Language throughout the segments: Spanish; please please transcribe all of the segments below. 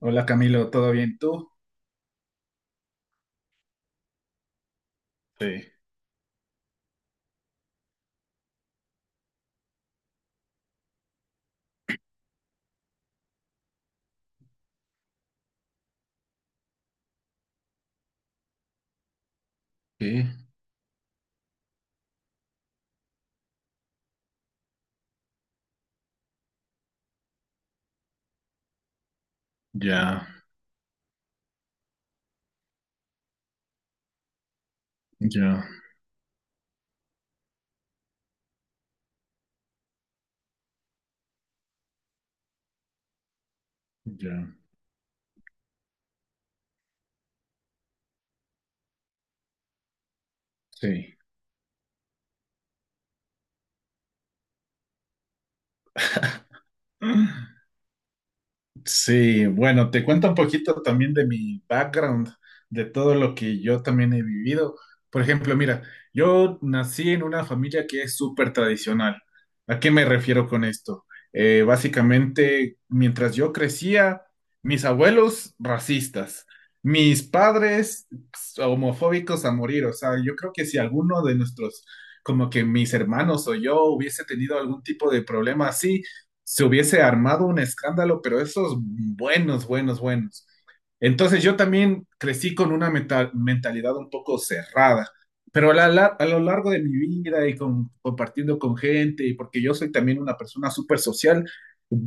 Hola Camilo, ¿todo bien tú? Sí, sí, ya, ya, ya, sí. Sí, bueno, te cuento un poquito también de mi background, de todo lo que yo también he vivido. Por ejemplo, mira, yo nací en una familia que es súper tradicional. ¿A qué me refiero con esto? Básicamente, mientras yo crecía, mis abuelos racistas, mis padres homofóbicos a morir. O sea, yo creo que si alguno de nuestros, como que mis hermanos o yo hubiese tenido algún tipo de problema así, se hubiese armado un escándalo, pero esos buenos, buenos, buenos. Entonces yo también crecí con una mentalidad un poco cerrada, pero a lo largo de mi vida y compartiendo con gente, y porque yo soy también una persona súper social,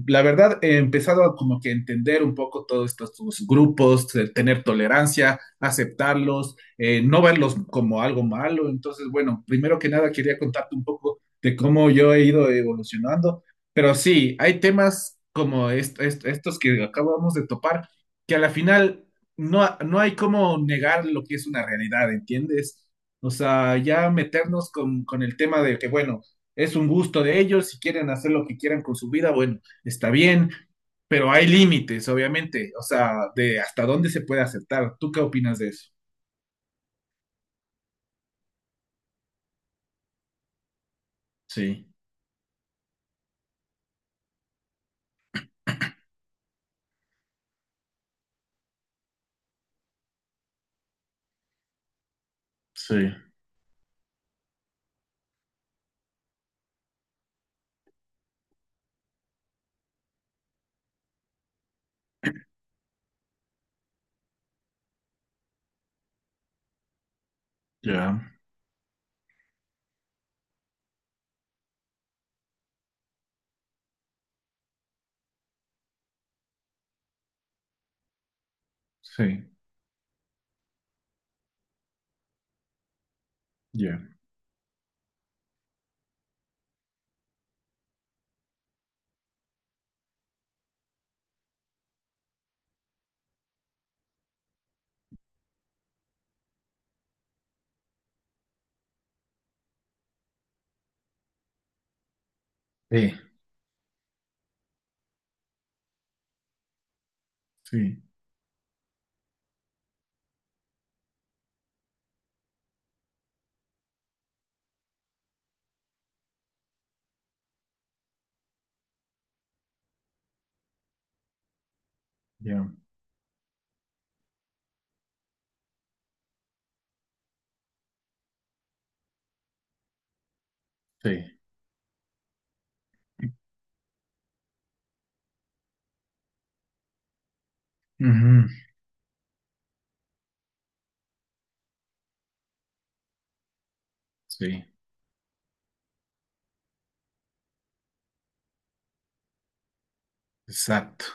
la verdad, he empezado a como que entender un poco todos estos sus grupos, tener tolerancia, aceptarlos, no verlos como algo malo. Entonces, bueno, primero que nada quería contarte un poco de cómo yo he ido evolucionando, pero sí, hay temas como estos que acabamos de topar, que a la final no hay cómo negar lo que es una realidad, ¿entiendes? O sea, ya meternos con el tema de que, bueno, es un gusto de ellos, si quieren hacer lo que quieran con su vida, bueno, está bien, pero hay límites, obviamente, o sea, de hasta dónde se puede aceptar. ¿Tú qué opinas de eso? Sí, sí, ya, sí, ya, sí, sí, ya, sí, ujú, sí, exacto.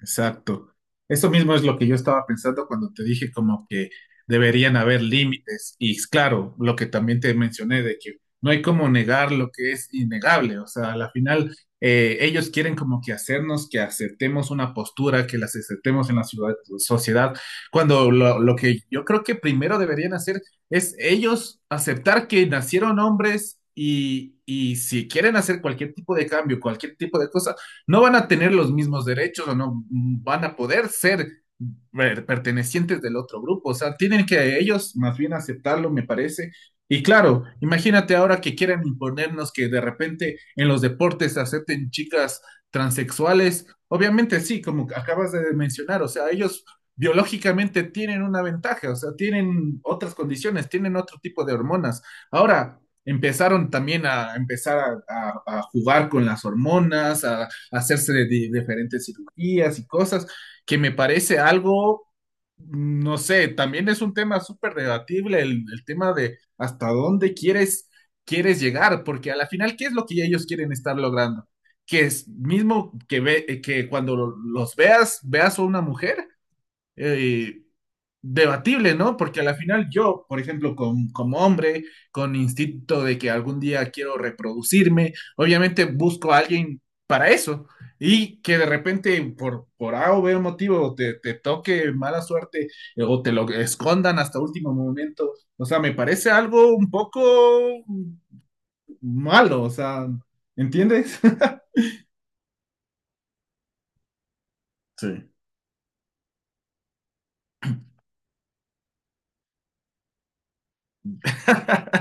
Exacto. Eso mismo es lo que yo estaba pensando cuando te dije como que deberían haber límites. Y es claro, lo que también te mencioné de que no hay como negar lo que es innegable. O sea, a la final ellos quieren como que hacernos que aceptemos una postura, que las aceptemos en la sociedad, cuando lo que yo creo que primero deberían hacer es ellos aceptar que nacieron hombres y si quieren hacer cualquier tipo de cambio, cualquier tipo de cosa no van a tener los mismos derechos o no van a poder ser pertenecientes del otro grupo. O sea, tienen que ellos más bien aceptarlo, me parece. Y claro, imagínate ahora que quieran imponernos que de repente en los deportes se acepten chicas transexuales. Obviamente sí, como acabas de mencionar, o sea, ellos biológicamente tienen una ventaja, o sea, tienen otras condiciones, tienen otro tipo de hormonas. Ahora, empezaron también a empezar a jugar con las hormonas, a hacerse diferentes cirugías y cosas, que me parece algo, no sé, también es un tema súper debatible el tema de hasta dónde quieres llegar, porque a la final, ¿qué es lo que ellos quieren estar logrando? Que es mismo que, ve, que cuando los veas, veas a una mujer eh, debatible, ¿no? Porque a la final yo, por ejemplo, como hombre, con instinto de que algún día quiero reproducirme, obviamente busco a alguien para eso. Y que de repente por A o B motivo te toque mala suerte o te lo escondan hasta último momento. O sea, me parece algo un poco malo, o sea, ¿entiendes? Sí,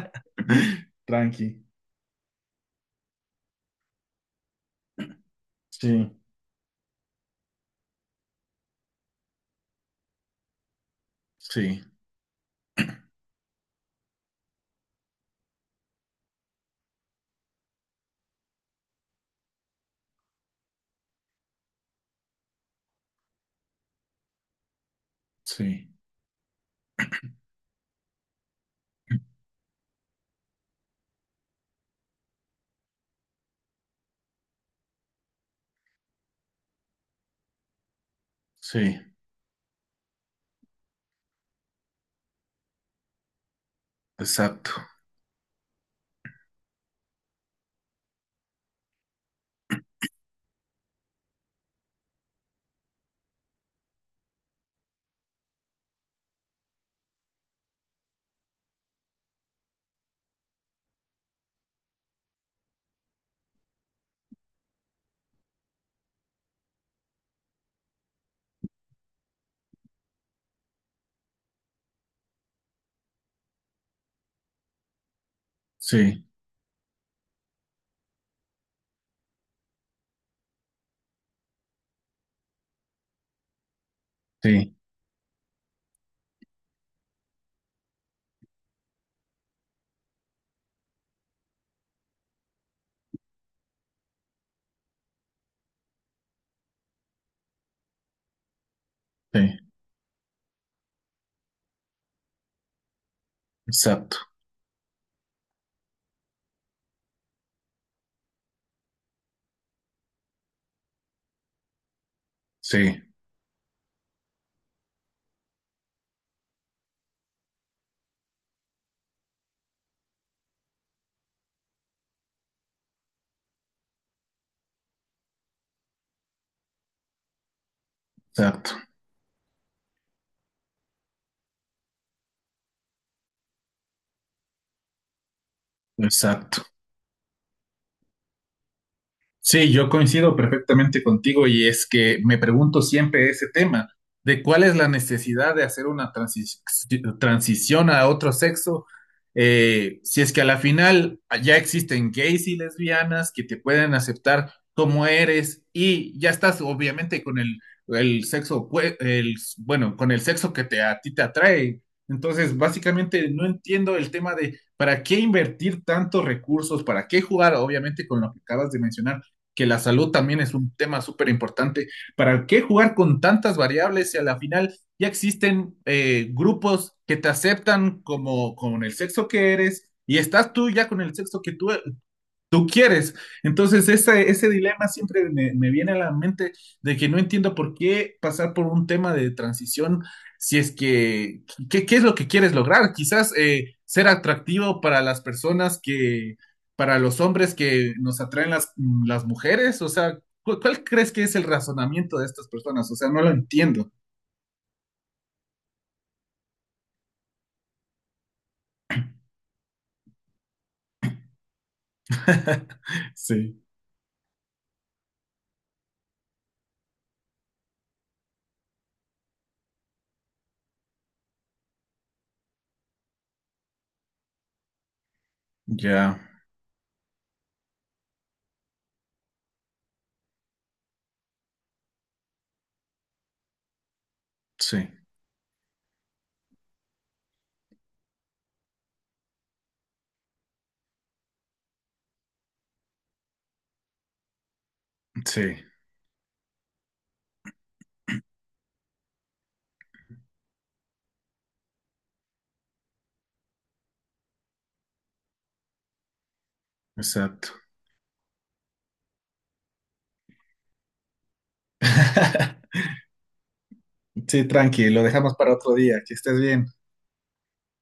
tranqui. Sí, sí, sí, sí. Exacto. Sí, sí, sí. Exacto. Sí, exacto. Exacto. Sí, yo coincido perfectamente contigo y es que me pregunto siempre ese tema de cuál es la necesidad de hacer una transición a otro sexo, si es que a la final ya existen gays y lesbianas que te pueden aceptar como eres y ya estás obviamente con el sexo, bueno, con el sexo que a ti te atrae. Entonces, básicamente no entiendo el tema de para qué invertir tantos recursos, para qué jugar, obviamente con lo que acabas de mencionar que la salud también es un tema súper importante. ¿Para qué jugar con tantas variables si a la final ya existen grupos que te aceptan como con el sexo que eres y estás tú ya con el sexo que tú quieres. Entonces, ese dilema siempre me viene a la mente de que no entiendo por qué pasar por un tema de transición si es que, ¿qué es lo que quieres lograr? Quizás ser atractivo para las personas para los hombres que nos atraen las mujeres, o sea, ¿cuál crees que es el razonamiento de estas personas? O sea, no lo entiendo. Sí, ya, sí, sí, exacto. Sí, tranqui, lo dejamos para otro día, que estés bien.